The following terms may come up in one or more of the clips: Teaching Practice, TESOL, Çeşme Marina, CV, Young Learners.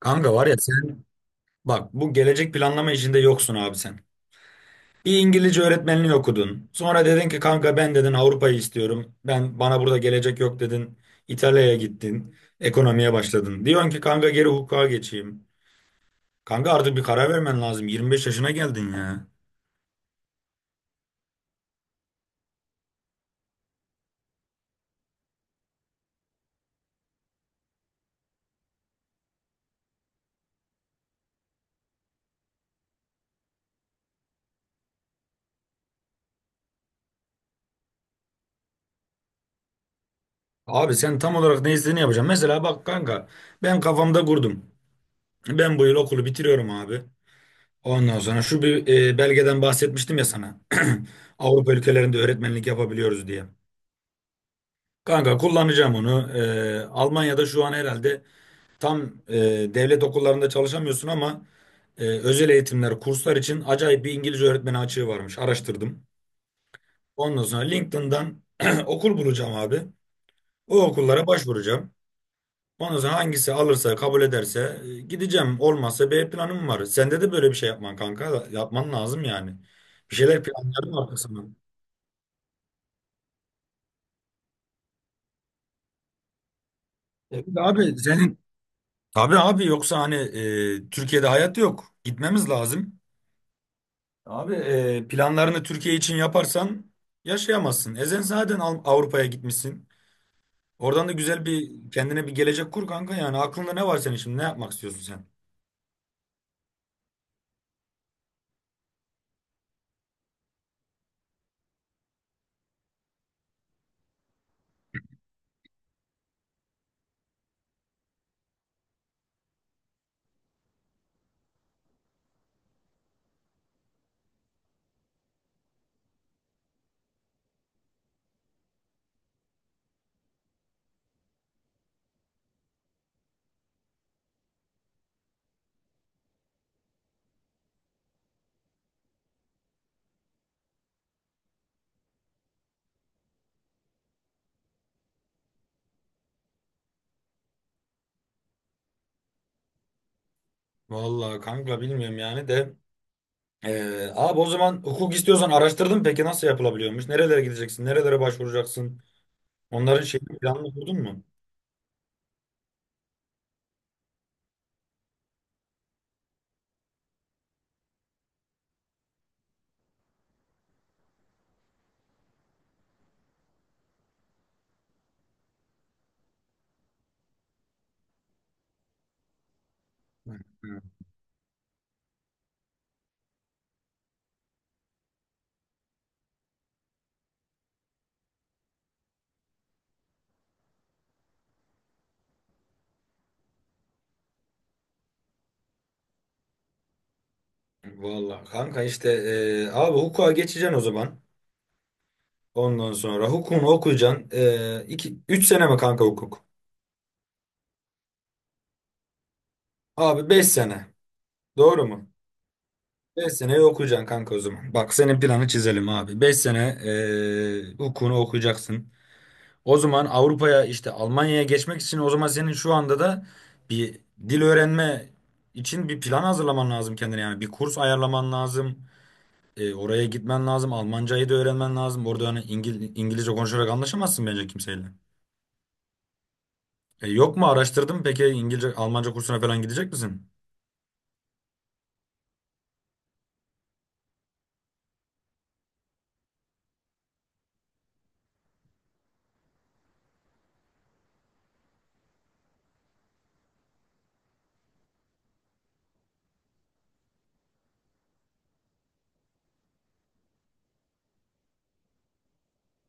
Kanka var ya sen bak bu gelecek planlama işinde yoksun abi sen. Bir İngilizce öğretmenliği okudun. Sonra dedin ki kanka ben dedin Avrupa'yı istiyorum. Ben bana burada gelecek yok dedin. İtalya'ya gittin. Ekonomiye başladın. Diyorsun ki kanka geri hukuka geçeyim. Kanka artık bir karar vermen lazım. 25 yaşına geldin ya. Abi sen tam olarak ne istediğini yapacaksın. Mesela bak kanka ben kafamda kurdum. Ben bu yıl okulu bitiriyorum abi. Ondan sonra şu bir belgeden bahsetmiştim ya sana. Avrupa ülkelerinde öğretmenlik yapabiliyoruz diye. Kanka kullanacağım onu. Almanya'da şu an herhalde tam e, devlet okullarında çalışamıyorsun ama özel eğitimler, kurslar için acayip bir İngilizce öğretmeni açığı varmış. Araştırdım. Ondan sonra LinkedIn'dan okul bulacağım abi. O okullara başvuracağım. Ondan sonra hangisi alırsa, kabul ederse gideceğim. Olmazsa B planım var. Sende de böyle bir şey yapman kanka. Yapman lazım yani. Bir şeyler planlarım arkasına. Bir de abi senin... Tabii abi yoksa hani Türkiye'de hayat yok. Gitmemiz lazım. Abi planlarını Türkiye için yaparsan yaşayamazsın. Sen zaten Avrupa'ya gitmişsin. Oradan da güzel bir kendine bir gelecek kur kanka yani. Aklında ne var senin şimdi? Ne yapmak istiyorsun sen? Vallahi kanka bilmiyorum yani de. E, Abi o zaman hukuk istiyorsan araştırdın mı? Peki nasıl yapılabiliyormuş? Nerelere gideceksin? Nerelere başvuracaksın? Onların şeyini planını kurdun mu? Hı, hı. Vallahi kanka işte abi hukuka geçeceksin o zaman. Ondan sonra hukukunu okuyacaksın. 2, 3 sene mi kanka hukuk? Abi 5 sene. Doğru mu? 5 seneyi okuyacaksın kanka o zaman. Bak senin planı çizelim abi. 5 sene hukukunu okuyacaksın. O zaman Avrupa'ya işte Almanya'ya geçmek için o zaman senin şu anda da bir dil öğrenme için bir plan hazırlaman lazım kendine. Yani bir kurs ayarlaman lazım. Oraya gitmen lazım. Almancayı da öğrenmen lazım. Orada hani İngilizce konuşarak anlaşamazsın bence kimseyle. Yok mu araştırdın? Peki İngilizce, Almanca kursuna falan gidecek misin?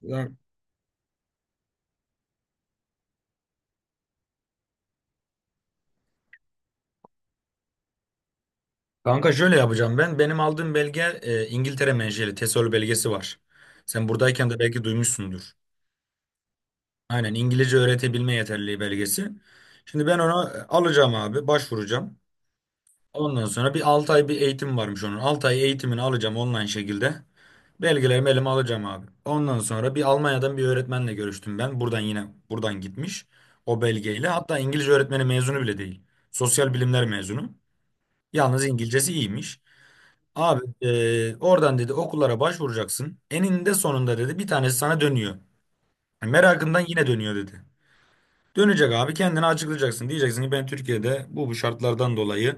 Ya kanka, şöyle yapacağım ben. Benim aldığım belge İngiltere menşeli TESOL belgesi var. Sen buradayken de belki duymuşsundur. Aynen İngilizce öğretebilme yeterliliği belgesi. Şimdi ben onu alacağım abi, başvuracağım. Ondan sonra bir 6 ay bir eğitim varmış onun. 6 ay eğitimini alacağım online şekilde. Belgelerimi elime alacağım abi. Ondan sonra bir Almanya'dan bir öğretmenle görüştüm ben. Buradan yine buradan gitmiş o belgeyle. Hatta İngilizce öğretmeni mezunu bile değil. Sosyal bilimler mezunu. Yalnız İngilizcesi iyiymiş. Abi oradan dedi okullara başvuracaksın. Eninde sonunda dedi bir tanesi sana dönüyor. Yani merakından yine dönüyor dedi. Dönecek abi kendini açıklayacaksın. Diyeceksin ki ben Türkiye'de bu şartlardan dolayı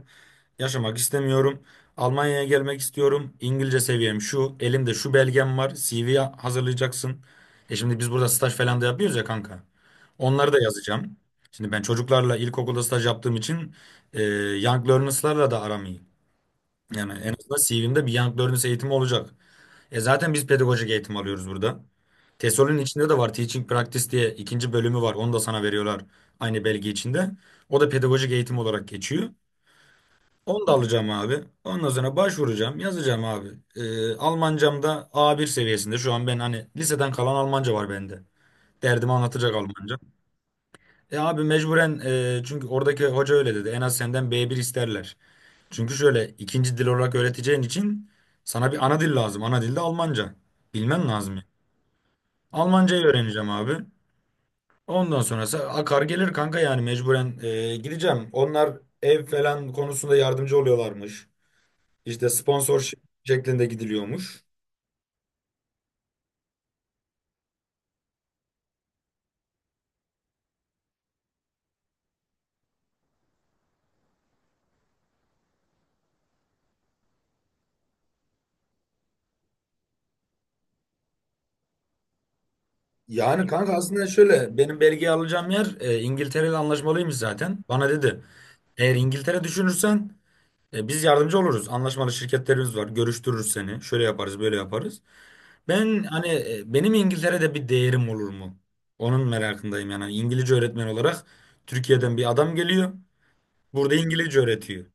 yaşamak istemiyorum. Almanya'ya gelmek istiyorum. İngilizce seviyem şu. Elimde şu belgem var. CV hazırlayacaksın. E şimdi biz burada staj falan da yapıyoruz ya kanka. Onları da yazacağım. Şimdi ben çocuklarla ilkokulda staj yaptığım için eee Young Learners'larla da aram iyi. Yani en azından CV'mde bir Young Learners eğitimi olacak. E zaten biz pedagojik eğitim alıyoruz burada. TESOL'ün içinde de var Teaching Practice diye ikinci bölümü var. Onu da sana veriyorlar aynı belge içinde. O da pedagojik eğitim olarak geçiyor. Onu da alacağım abi. Ondan sonra başvuracağım, yazacağım abi. Almancam da A1 seviyesinde. Şu an ben hani liseden kalan Almanca var bende. Derdimi anlatacak Almanca. E abi mecburen çünkü oradaki hoca öyle dedi. En az senden B1 isterler. Çünkü şöyle ikinci dil olarak öğreteceğin için sana bir ana dil lazım. Ana dil de Almanca. Bilmen lazım yani. Almancayı öğreneceğim abi. Ondan sonrası akar gelir kanka yani mecburen gideceğim. Onlar ev falan konusunda yardımcı oluyorlarmış. İşte sponsor şeklinde gidiliyormuş. Yani kanka aslında şöyle benim belgeyi alacağım yer İngiltere ile anlaşmalıymış zaten. Bana dedi eğer İngiltere düşünürsen biz yardımcı oluruz. Anlaşmalı şirketlerimiz var. Görüştürürüz seni. Şöyle yaparız böyle yaparız. Ben hani benim İngiltere'de bir değerim olur mu? Onun merakındayım yani. Hani İngilizce öğretmen olarak Türkiye'den bir adam geliyor. Burada İngilizce öğretiyor.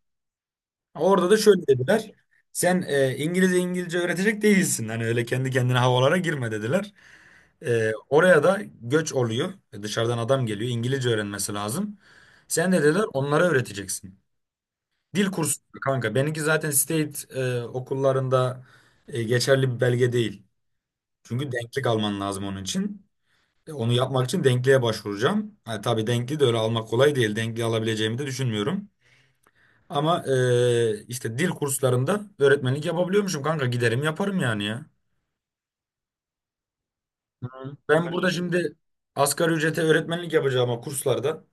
Orada da şöyle dediler. Sen İngilizce İngilizce öğretecek değilsin. Hani öyle kendi kendine havalara girme dediler. Oraya da göç oluyor. Dışarıdan adam geliyor. İngilizce öğrenmesi lazım. Sen de dediler onlara öğreteceksin. Dil kursu kanka. Benimki zaten state okullarında geçerli bir belge değil. Çünkü denklik alman lazım onun için. Onu yapmak için denkliğe başvuracağım. Ha, tabii denkli de öyle almak kolay değil. Denkli alabileceğimi de düşünmüyorum. Ama işte dil kurslarında öğretmenlik yapabiliyormuşum kanka. Giderim yaparım yani ya. Ben burada şimdi asgari ücrete öğretmenlik yapacağıma kurslarda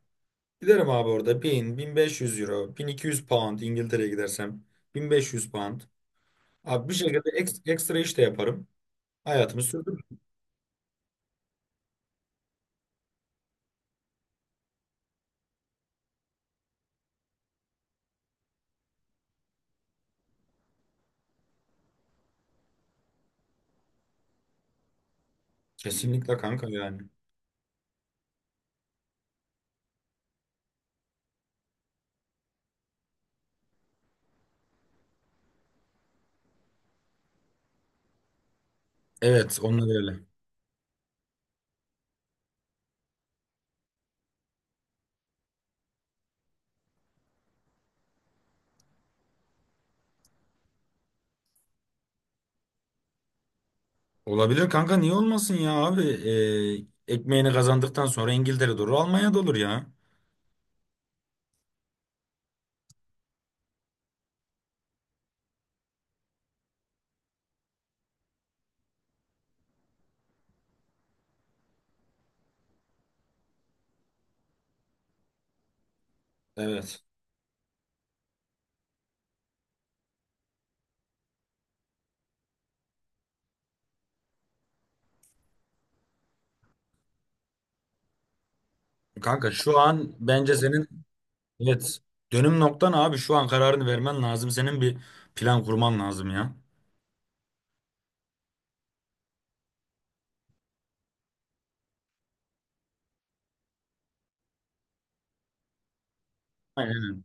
giderim abi orada bin beş yüz euro, 1.200 pound İngiltere'ye gidersem 1.500 pound. Abi bir şekilde ekstra iş de yaparım. Hayatımı sürdürürüm. Kesinlikle kanka yani. Evet onlar öyle. Olabilir kanka niye olmasın ya abi. Ekmeğini kazandıktan sonra İngiltere olur, Almanya'da olur ya. Evet. Kanka şu an bence senin evet dönüm noktan abi şu an kararını vermen lazım. Senin bir plan kurman lazım ya. Aynen.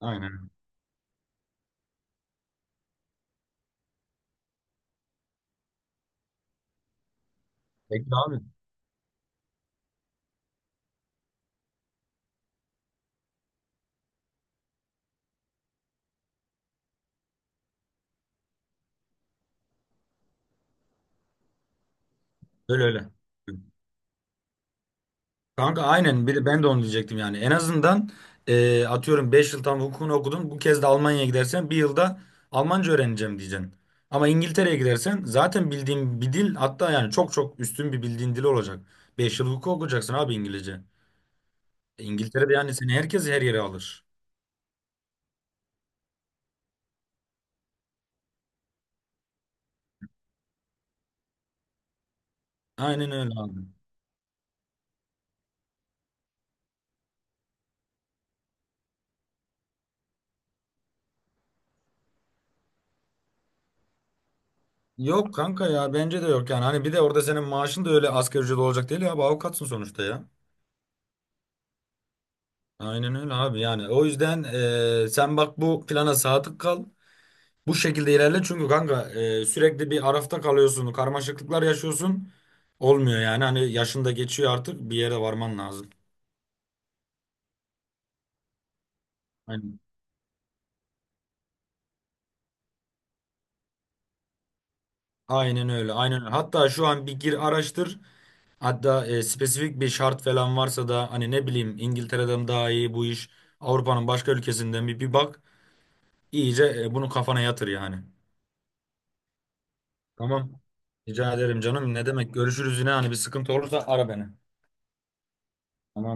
Aynen. Peki abi. Öyle öyle. Kanka aynen bir, ben de onu diyecektim yani. En azından atıyorum 5 yıl tam hukukunu okudun. Bu kez de Almanya'ya gidersen bir yılda Almanca öğreneceğim diyeceksin. Ama İngiltere'ye gidersen zaten bildiğin bir dil hatta yani çok çok üstün bir bildiğin dil olacak. 5 yıl hukuk okuyacaksın abi İngilizce. İngiltere'de yani seni herkes her yere alır. Aynen öyle abi. Yok kanka ya bence de yok yani. Hani bir de orada senin maaşın da öyle asgari ücret olacak değil ya. Abi avukatsın sonuçta ya. Aynen öyle abi yani. O yüzden sen bak bu plana sadık kal. Bu şekilde ilerle çünkü kanka sürekli bir arafta kalıyorsun, karmaşıklıklar yaşıyorsun. Olmuyor yani hani yaşın da geçiyor artık bir yere varman lazım. Aynen. Aynen öyle, aynen öyle. Hatta şu an bir gir araştır. Hatta spesifik bir şart falan varsa da hani ne bileyim İngiltere'den mi daha iyi bu iş, Avrupa'nın başka ülkesinden bir bak. İyice bunu kafana yatır yani. Tamam. Rica ederim canım. Ne demek? Görüşürüz yine hani bir sıkıntı olursa ara beni. Tamam.